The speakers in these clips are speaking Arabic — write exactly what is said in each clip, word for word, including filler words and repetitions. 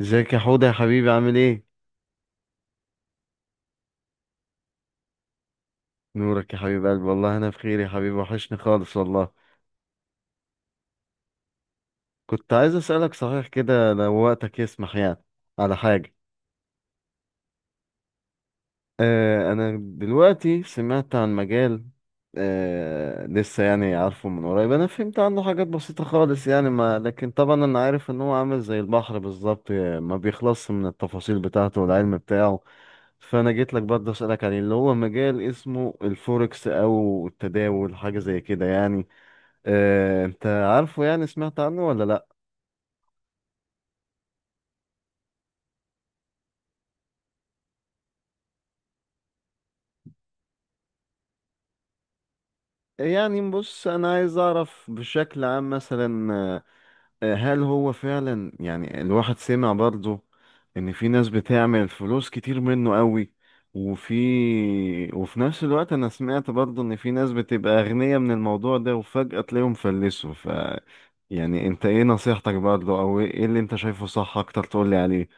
ازيك يا حوده يا حبيبي، عامل ايه؟ نورك يا حبيب قلبي، والله انا بخير يا حبيبي، وحشني خالص والله. كنت عايز اسالك، صحيح كده، لو وقتك يسمح يعني، على حاجه. آه انا دلوقتي سمعت عن مجال. آه لسه يعني عارفه من قريب، انا فهمت عنه حاجات بسيطه خالص، يعني ما لكن طبعا انا عارف ان هو عامل زي البحر بالظبط، آه، ما بيخلصش من التفاصيل بتاعته والعلم بتاعه. فانا جيت لك برضه اسالك عليه، اللي هو مجال اسمه الفوركس او التداول، حاجه زي كده يعني. آه، انت عارفه، يعني سمعت عنه ولا لا؟ يعني بص، انا عايز اعرف بشكل عام مثلا، آه، آه، هل هو فعلا، يعني الواحد سمع برضه ان في ناس بتعمل فلوس كتير منه قوي، وفي وفي نفس الوقت انا سمعت برضه ان في ناس بتبقى اغنياء من الموضوع ده وفجأة تلاقيهم فلسوا. ف يعني انت ايه نصيحتك برضه، او ايه اللي انت شايفه صح اكتر، تقولي عليه؟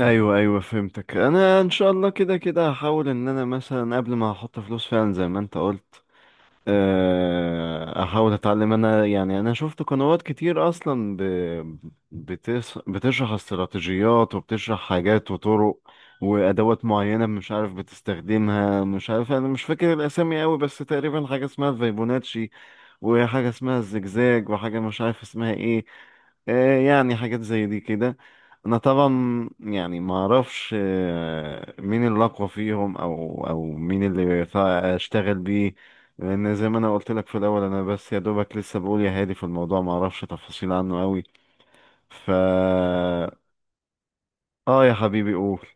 ايوه، ايوه، فهمتك. انا ان شاء الله كده كده هحاول ان انا مثلا قبل ما احط فلوس فعلا زي ما انت قلت، آه، احاول اتعلم انا، يعني انا شفت قنوات كتير اصلا ب... بتس... بتشرح استراتيجيات، وبتشرح حاجات وطرق وادوات معينه، مش عارف بتستخدمها، مش عارف، انا مش فاكر الاسامي قوي، بس تقريبا حاجه اسمها فيبوناتشي، وحاجة اسمها الزجزاج، وحاجة مش عارف اسمها ايه. آه، يعني حاجات زي دي كده. انا طبعا يعني ما اعرفش آه، مين اللي اقوى فيهم او او مين اللي ينفع اشتغل بيه، لان زي ما انا قلت لك في الاول، انا بس يا دوبك لسه بقول يا هادي في الموضوع، ما اعرفش تفاصيل عنه قوي ف اه يا حبيبي، قول.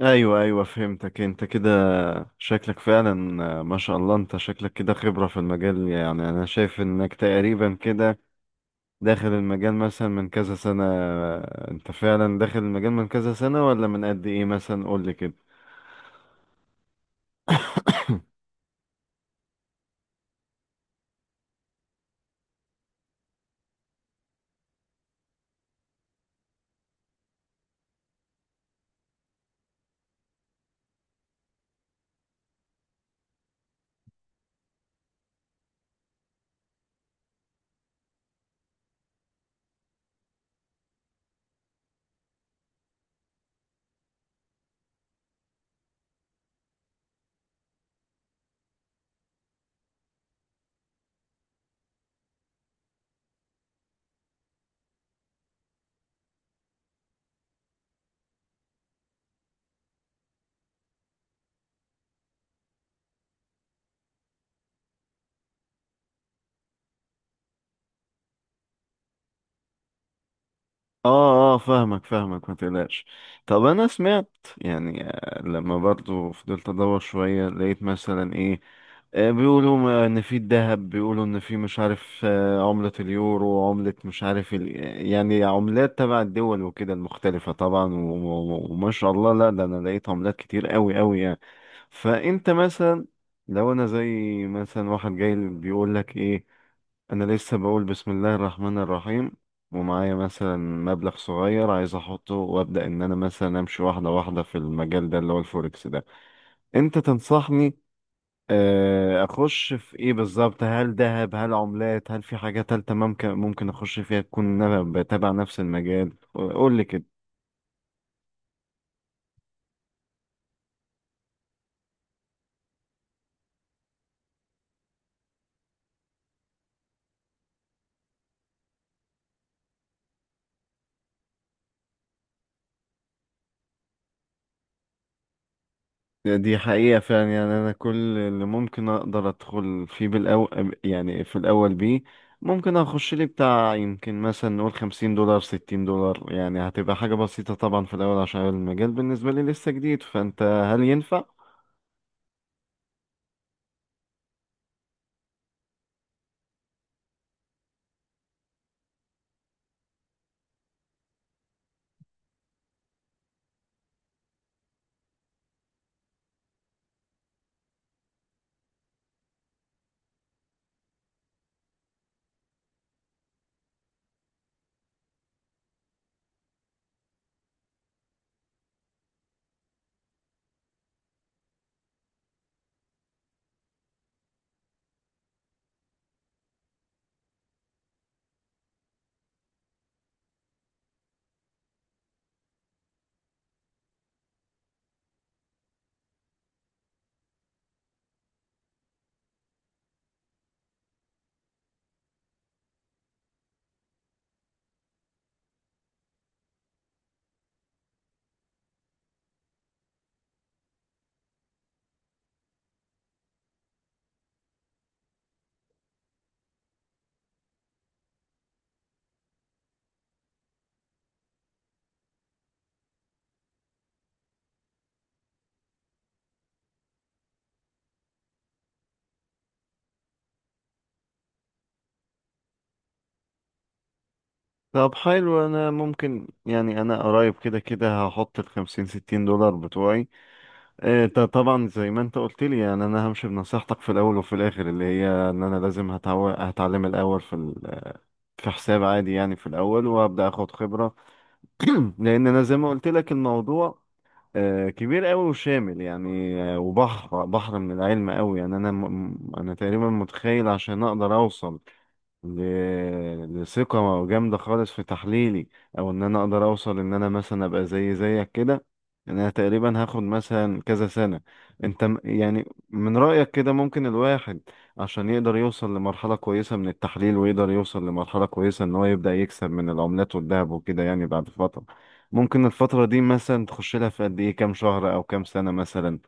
ايوه، ايوه، فهمتك. انت كده شكلك فعلا، آه، ما شاء الله، انت شكلك كده خبرة في المجال، يعني انا شايف انك تقريبا كده داخل المجال مثلا من كذا سنة. انت فعلا داخل المجال من كذا سنة ولا من قد ايه؟ مثلا قول لي كده. اه، اه، فاهمك فاهمك، ما تقلقش. طب انا سمعت، يعني آه، لما برضو فضلت ادور شوية، لقيت مثلا ايه، آه، بيقولوا ما- ان في الذهب، بيقولوا ان في مش عارف آه، عملة اليورو، عملة مش عارف. ال... يعني عملات تبع الدول وكده، المختلفة طبعا، و... و... وما شاء الله، لا ده انا لقيت عملات كتير قوي قوي يعني. فانت مثلا، لو انا زي مثلا واحد جاي بيقول لك ايه، انا لسه بقول بسم الله الرحمن الرحيم، ومعايا مثلا مبلغ صغير عايز احطه وابدا، ان انا مثلا امشي واحده واحده في المجال ده اللي هو الفوركس ده، انت تنصحني آه، اخش في ايه بالظبط؟ هل ذهب، هل عملات، هل في حاجه تالتة ممكن ممكن اخش فيها تكون إن انا بتابع نفس المجال؟ قول لي كده. يعني دي حقيقة فعلا، يعني أنا كل اللي ممكن أقدر أدخل فيه بالأول، يعني في الأول بيه ممكن أخش لي بتاع، يمكن مثلا نقول خمسين دولار، ستين دولار، يعني هتبقى حاجة بسيطة طبعا في الأول، عشان المجال بالنسبة لي لسه جديد. فأنت، هل ينفع؟ طب حلو، أنا ممكن يعني، أنا قريب كده كده هحط الخمسين ستين دولار بتوعي. آه، ده طبعا زي ما أنت قلت لي، يعني أنا همشي بنصيحتك في الأول وفي الآخر، اللي هي إن أنا لازم هتعو- هتعلم الأول في في حساب عادي، يعني في الاول وابدا اخد خبره. لان انا زي ما قلت لك، الموضوع آه، كبير قوي وشامل، يعني آه، وبحر بحر من العلم قوي، يعني انا م- م- انا تقريبا متخيل عشان اقدر اوصل ل- لثقة جامدة خالص في تحليلي، او ان انا اقدر اوصل ان انا مثلا ابقى زي زيك كده، انا تقريبا هاخد مثلا كذا سنة. انت م- يعني من رأيك كده، ممكن الواحد عشان يقدر يوصل لمرحلة كويسة من التحليل، ويقدر يوصل لمرحلة كويسة ان هو يبدأ يكسب من العملات والذهب وكده، يعني بعد فترة، ممكن الفترة دي مثلا تخش لها في قد ايه؟ كام شهر او كام سنة مثلا؟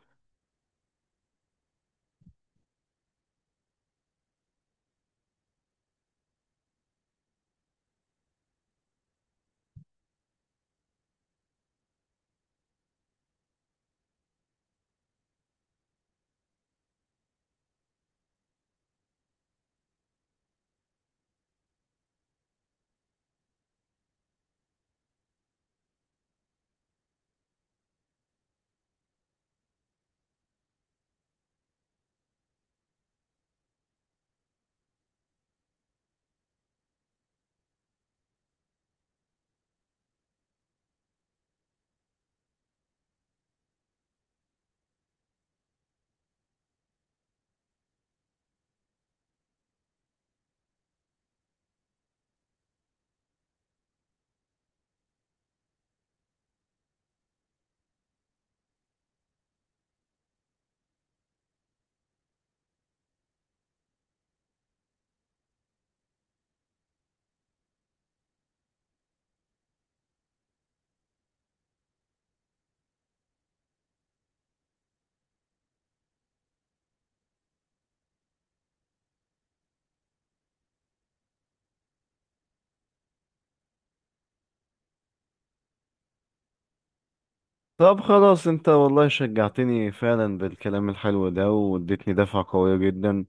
طب خلاص، انت والله شجعتني فعلا بالكلام الحلو ده، واديتني دفعة قوية جدا،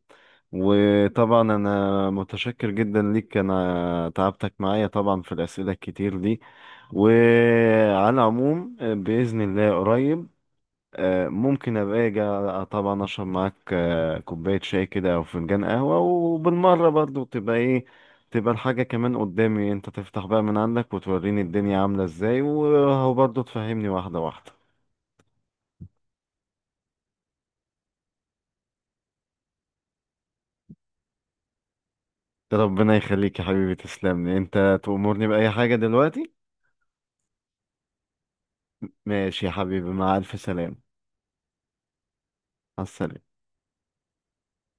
وطبعا انا متشكر جدا ليك، انا تعبتك معايا طبعا في الاسئلة الكتير دي، وعلى العموم بإذن الله قريب آه، ممكن ابقى اجي طبعا اشرب معاك آه، كوباية شاي كده او فنجان قهوة، وبالمرة برضو تبقى ايه، تبقى الحاجة كمان قدامي، انت تفتح بقى من عندك، وتوريني الدنيا عاملة ازاي، وبرضه تفهمني واحدة واحدة. ربنا يخليك يا حبيبي، تسلم لي انت، تأمرني بأي حاجة دلوقتي. ماشي يا حبيبي، مع ألف سلامة. مع السلامة.